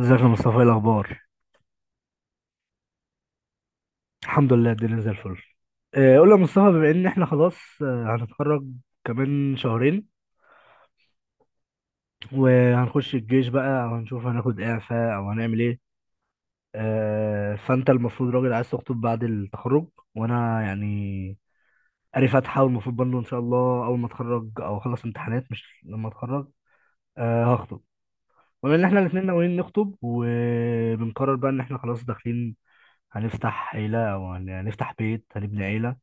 ازيك يا مصطفى، ايه الاخبار؟ الحمد لله الدنيا زي الفل. قول لي يا مصطفى، بما ان احنا خلاص هنتخرج كمان شهرين، وهنخش الجيش بقى او هنشوف هناخد اعفاء او هنعمل ايه. فانت المفروض راجل عايز تخطب بعد التخرج، وانا يعني قاري فاتحه، والمفروض برضه ان شاء الله اول ما اتخرج او اخلص امتحانات، مش لما اتخرج هخطب. بما ان احنا الاثنين ناويين نخطب، وبنقرر بقى ان احنا خلاص داخلين هنفتح عيله، او هنفتح بيت هنبني عيله،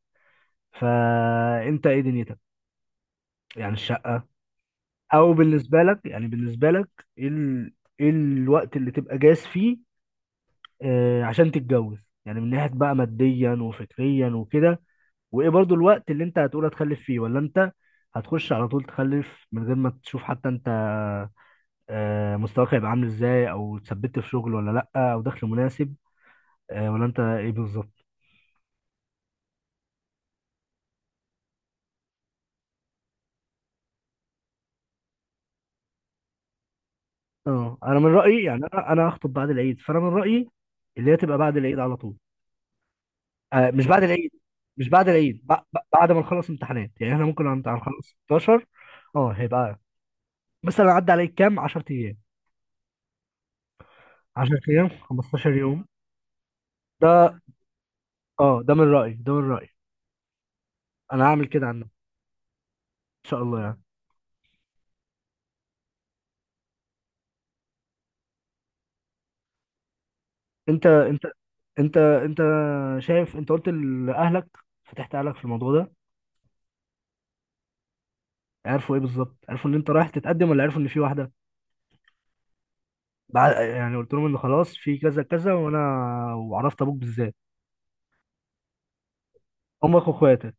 فانت ايه دنيتك؟ يعني الشقه، او بالنسبه لك، ايه ايه الوقت اللي تبقى جاهز فيه؟ عشان تتجوز يعني، من ناحيه بقى ماديا وفكريا وكده. وايه برضو الوقت اللي انت هتقول هتخلف فيه، ولا انت هتخش على طول تخلف من غير ما تشوف حتى انت؟ مستواك هيبقى عامل ازاي، او اتثبت في شغل ولا لا، او دخل مناسب ولا انت ايه بالظبط؟ اه، انا من رايي، يعني انا هخطب بعد العيد، فانا من رايي اللي هي تبقى بعد العيد على طول. مش بعد العيد. مش بعد العيد بعد ما نخلص امتحانات، يعني احنا ممكن هنخلص 16. اه هيبقى مثلا عدى عليك كام، 10 ايام، 10 ايام، 15 يوم ده. اه ده من رأيي، ده من رأيي، انا هعمل كده، عنه ان شاء الله يعني. انت انت انت شايف، انت قلت لاهلك، فتحت اهلك في الموضوع ده؟ عرفوا ايه بالظبط؟ عرفوا ان انت رايح تتقدم، ولا عرفوا ان في واحده؟ بعد يعني قلت لهم ان خلاص في كذا كذا، وانا وعرفت ابوك بالذات؟ امك واخواتك،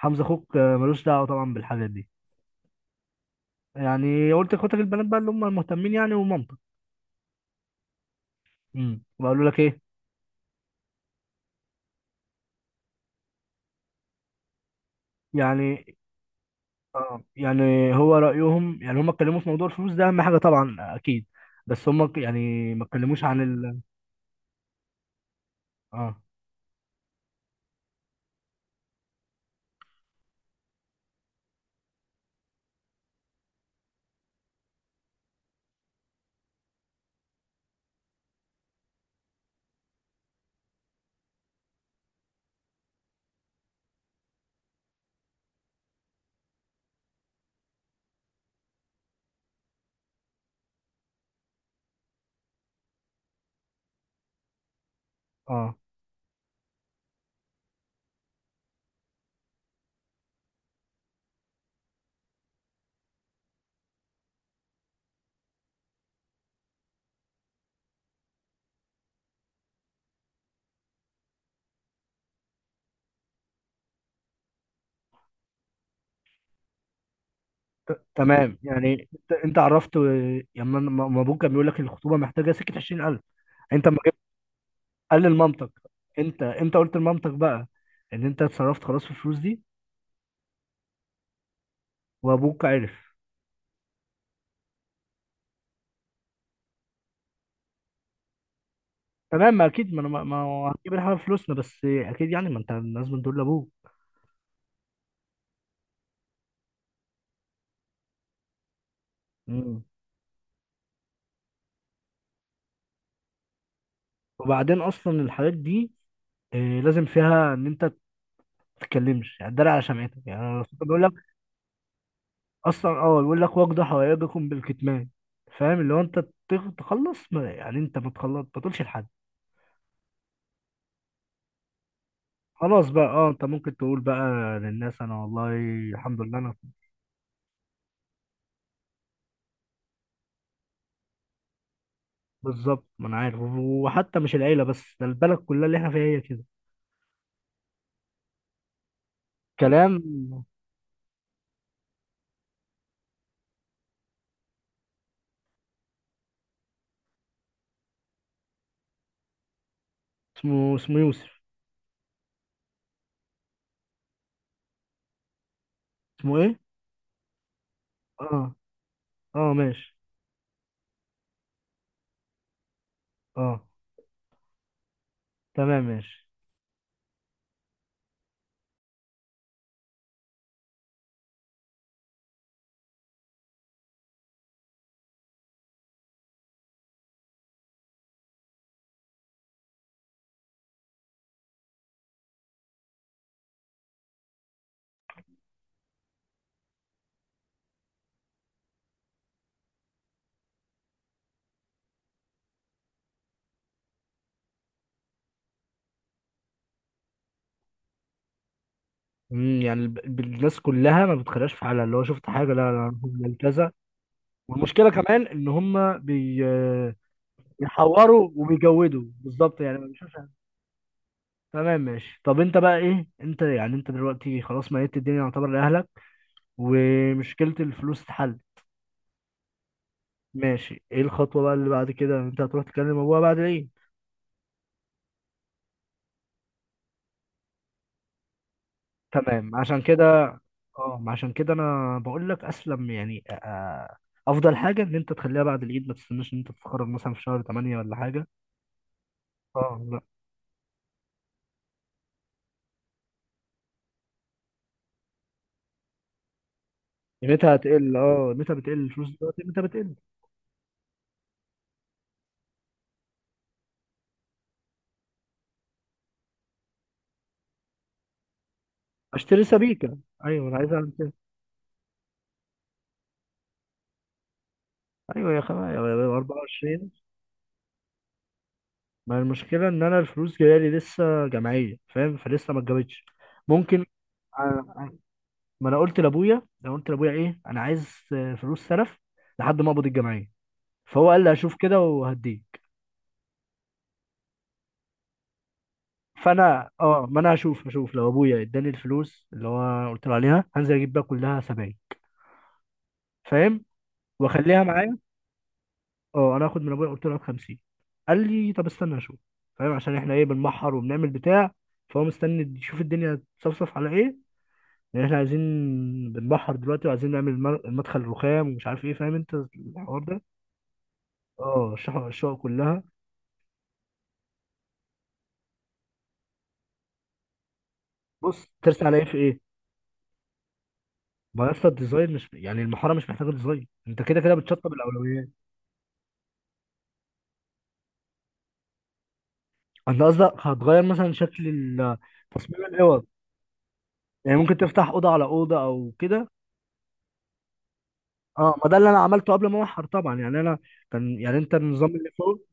حمزه اخوك ملوش دعوه طبعا بالحاجات دي. يعني قلت اخواتك البنات بقى اللي هم المهتمين، يعني، ومامتك؟ وقالوا لك ايه؟ يعني اه يعني، هو رايهم يعني، هم اتكلموا في موضوع الفلوس ده اهم حاجه طبعا اكيد. بس هم يعني ما اتكلموش عن اه. اه، تمام، يعني انت عرفت يعني ما ابوك كان بيقول لك الخطوبه محتاجه سكه 20,000؟ انت ما جبت؟ قال لمامتك؟ انت قلت لمامتك بقى ان انت اتصرفت خلاص في الفلوس دي؟ وابوك عرف؟ تمام، ما اكيد، ما انا ما ما هو هتجيب الحاجه فلوسنا، بس اكيد يعني ما انت لازم تقول لابوك. مم. وبعدين اصلا الحالات دي لازم فيها ان انت تتكلمش، يعني تداري على شمعتك، يعني الرسول بيقول لك. اصلا اه بيقول لك: واقضوا حوائجكم بالكتمان. فاهم؟ اللي هو انت تخلص، ما يعني انت ما تخلص ما تقولش لحد. خلاص بقى، اه، انت ممكن تقول بقى للناس: انا والله الحمد لله انا. بالظبط، ما انا عارف، وحتى مش العيله بس، ده البلد كلها اللي احنا فيها هي كده، كلام. اسمه يوسف؟ اسمه ايه؟ اه، اه، ماشي، اه تمام ماشي. مم، يعني الناس كلها ما بتخلاش في حالها، اللي هو شفت حاجه، لا لا هم كذا. والمشكله كمان ان هم بيحوروا وبيجودوا بالظبط، يعني ما بيشوفش حاجة. تمام ماشي، طب انت بقى ايه؟ انت يعني، انت دلوقتي خلاص ميت الدنيا يعتبر لاهلك، ومشكله الفلوس اتحلت. ماشي، ايه الخطوه بقى اللي بعد كده؟ انت هتروح تكلم ابوها بعد ايه؟ تمام عشان كده. اه عشان كده انا بقول لك اسلم يعني، افضل حاجه ان انت تخليها بعد العيد، ما تستناش ان انت تتخرج مثلا في شهر 8 ولا حاجه. اه قيمتها هتقل، اه قيمتها بتقل، الفلوس دلوقتي قيمتها بتقل. اشتري سبيكة. ايوه انا عايز اعمل كده. ايوه يا خبا يا بابا، 24. ما المشكلة ان انا الفلوس جاية لي لسه جمعية، فاهم؟ فلسه ما اتجابتش. ممكن آه، آه، ما انا قلت لابويا، انا قلت لابويا ايه، انا عايز فلوس سلف لحد ما اقبض الجمعية. فهو قال لي هشوف كده وهديك. فانا اه، ما انا هشوف، لو ابويا اداني الفلوس اللي هو قلت له عليها، هنزل اجيب بقى كلها سبايك، فاهم، واخليها معايا. اه، انا هاخد من ابويا قلت له هات 50. قال لي طب استنى اشوف. فاهم؟ عشان احنا ايه، بنبحر وبنعمل بتاع، فهو مستني يشوف الدنيا تصفصف على ايه. لان احنا عايزين، بنبحر دلوقتي وعايزين نعمل المدخل الرخام ومش عارف ايه، فاهم انت الحوار ده؟ اه، الشقق، كلها. بص، ترسى على ايه في ايه؟ ما يا اسطى الديزاين، مش يعني المحاره مش محتاجه ديزاين، انت كده كده بتشطب الاولويات. انت قصدك هتغير مثلا شكل تصميم الاوض، يعني ممكن تفتح اوضه على اوضه او كده؟ اه، ما ده اللي انا عملته قبل ما احر طبعا، يعني انا كان يعني، انت النظام اللي فوق.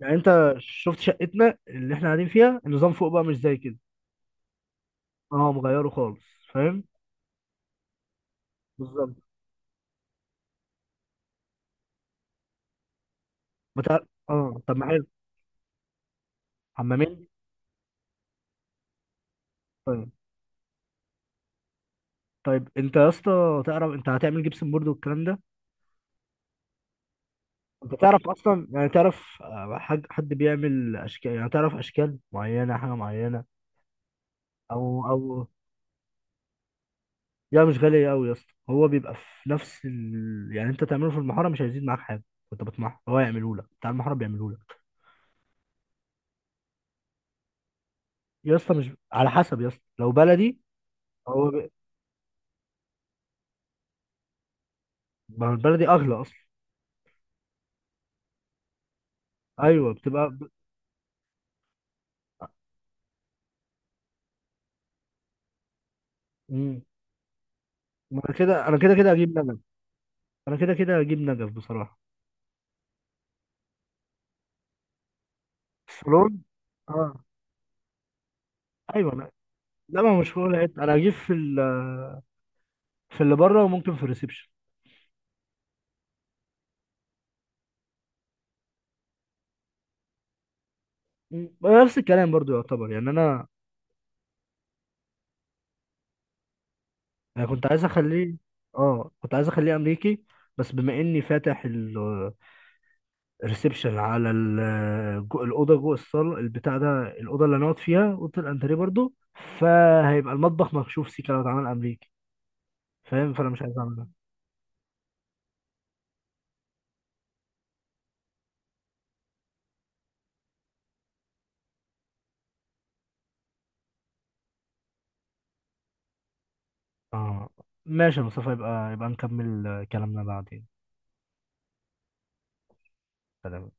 يعني انت شفت شقتنا اللي احنا قاعدين فيها النظام فوق بقى مش زي كده، اه، مغيره خالص، فاهم؟ بالظبط، بتاع، اه طب ما حلو، حمامين. طيب طيب، انت يا اسطى تعرف انت هتعمل جبسن بورد والكلام ده؟ انت تعرف اصلا، يعني تعرف حد بيعمل اشكال، يعني تعرف اشكال معينه، حاجه معينه؟ او، او، لا مش غالية أوي يا اسطى، هو بيبقى في نفس يعني أنت تعمله في المحارة مش هيزيد معاك حاجة، وأنت بتمحر هو يعمله لك، بتاع المحارة بيعمله لك. يا اسطى مش على حسب، يا اسطى لو بلدي، هو ما هو البلدي أغلى أصلا. أيوه بتبقى مم. ما أنا كده، أنا كده كده هجيب نجف، أنا كده كده هجيب نجف بصراحة. الصالون، أه، أيوه أنا. لا ما هو مش فوق حتة، أنا هجيب في في اللي بره وممكن في الريسبشن. مم. نفس الكلام برضو يعتبر، يعني أنا، انا كنت عايز اخليه، اه كنت عايز اخليه امريكي. بس بما اني فاتح الريسبشن على الاوضه جوه الصاله البتاع ده، الاوضه اللي هنقعد فيها اوضه الانتريه برضو، فهيبقى المطبخ مكشوف سيكا لو اتعمل امريكي. فاهم؟ فانا مش عايز اعمل ده. اه ماشي يا مصطفى، يبقى نكمل كلامنا بعدين. سلام.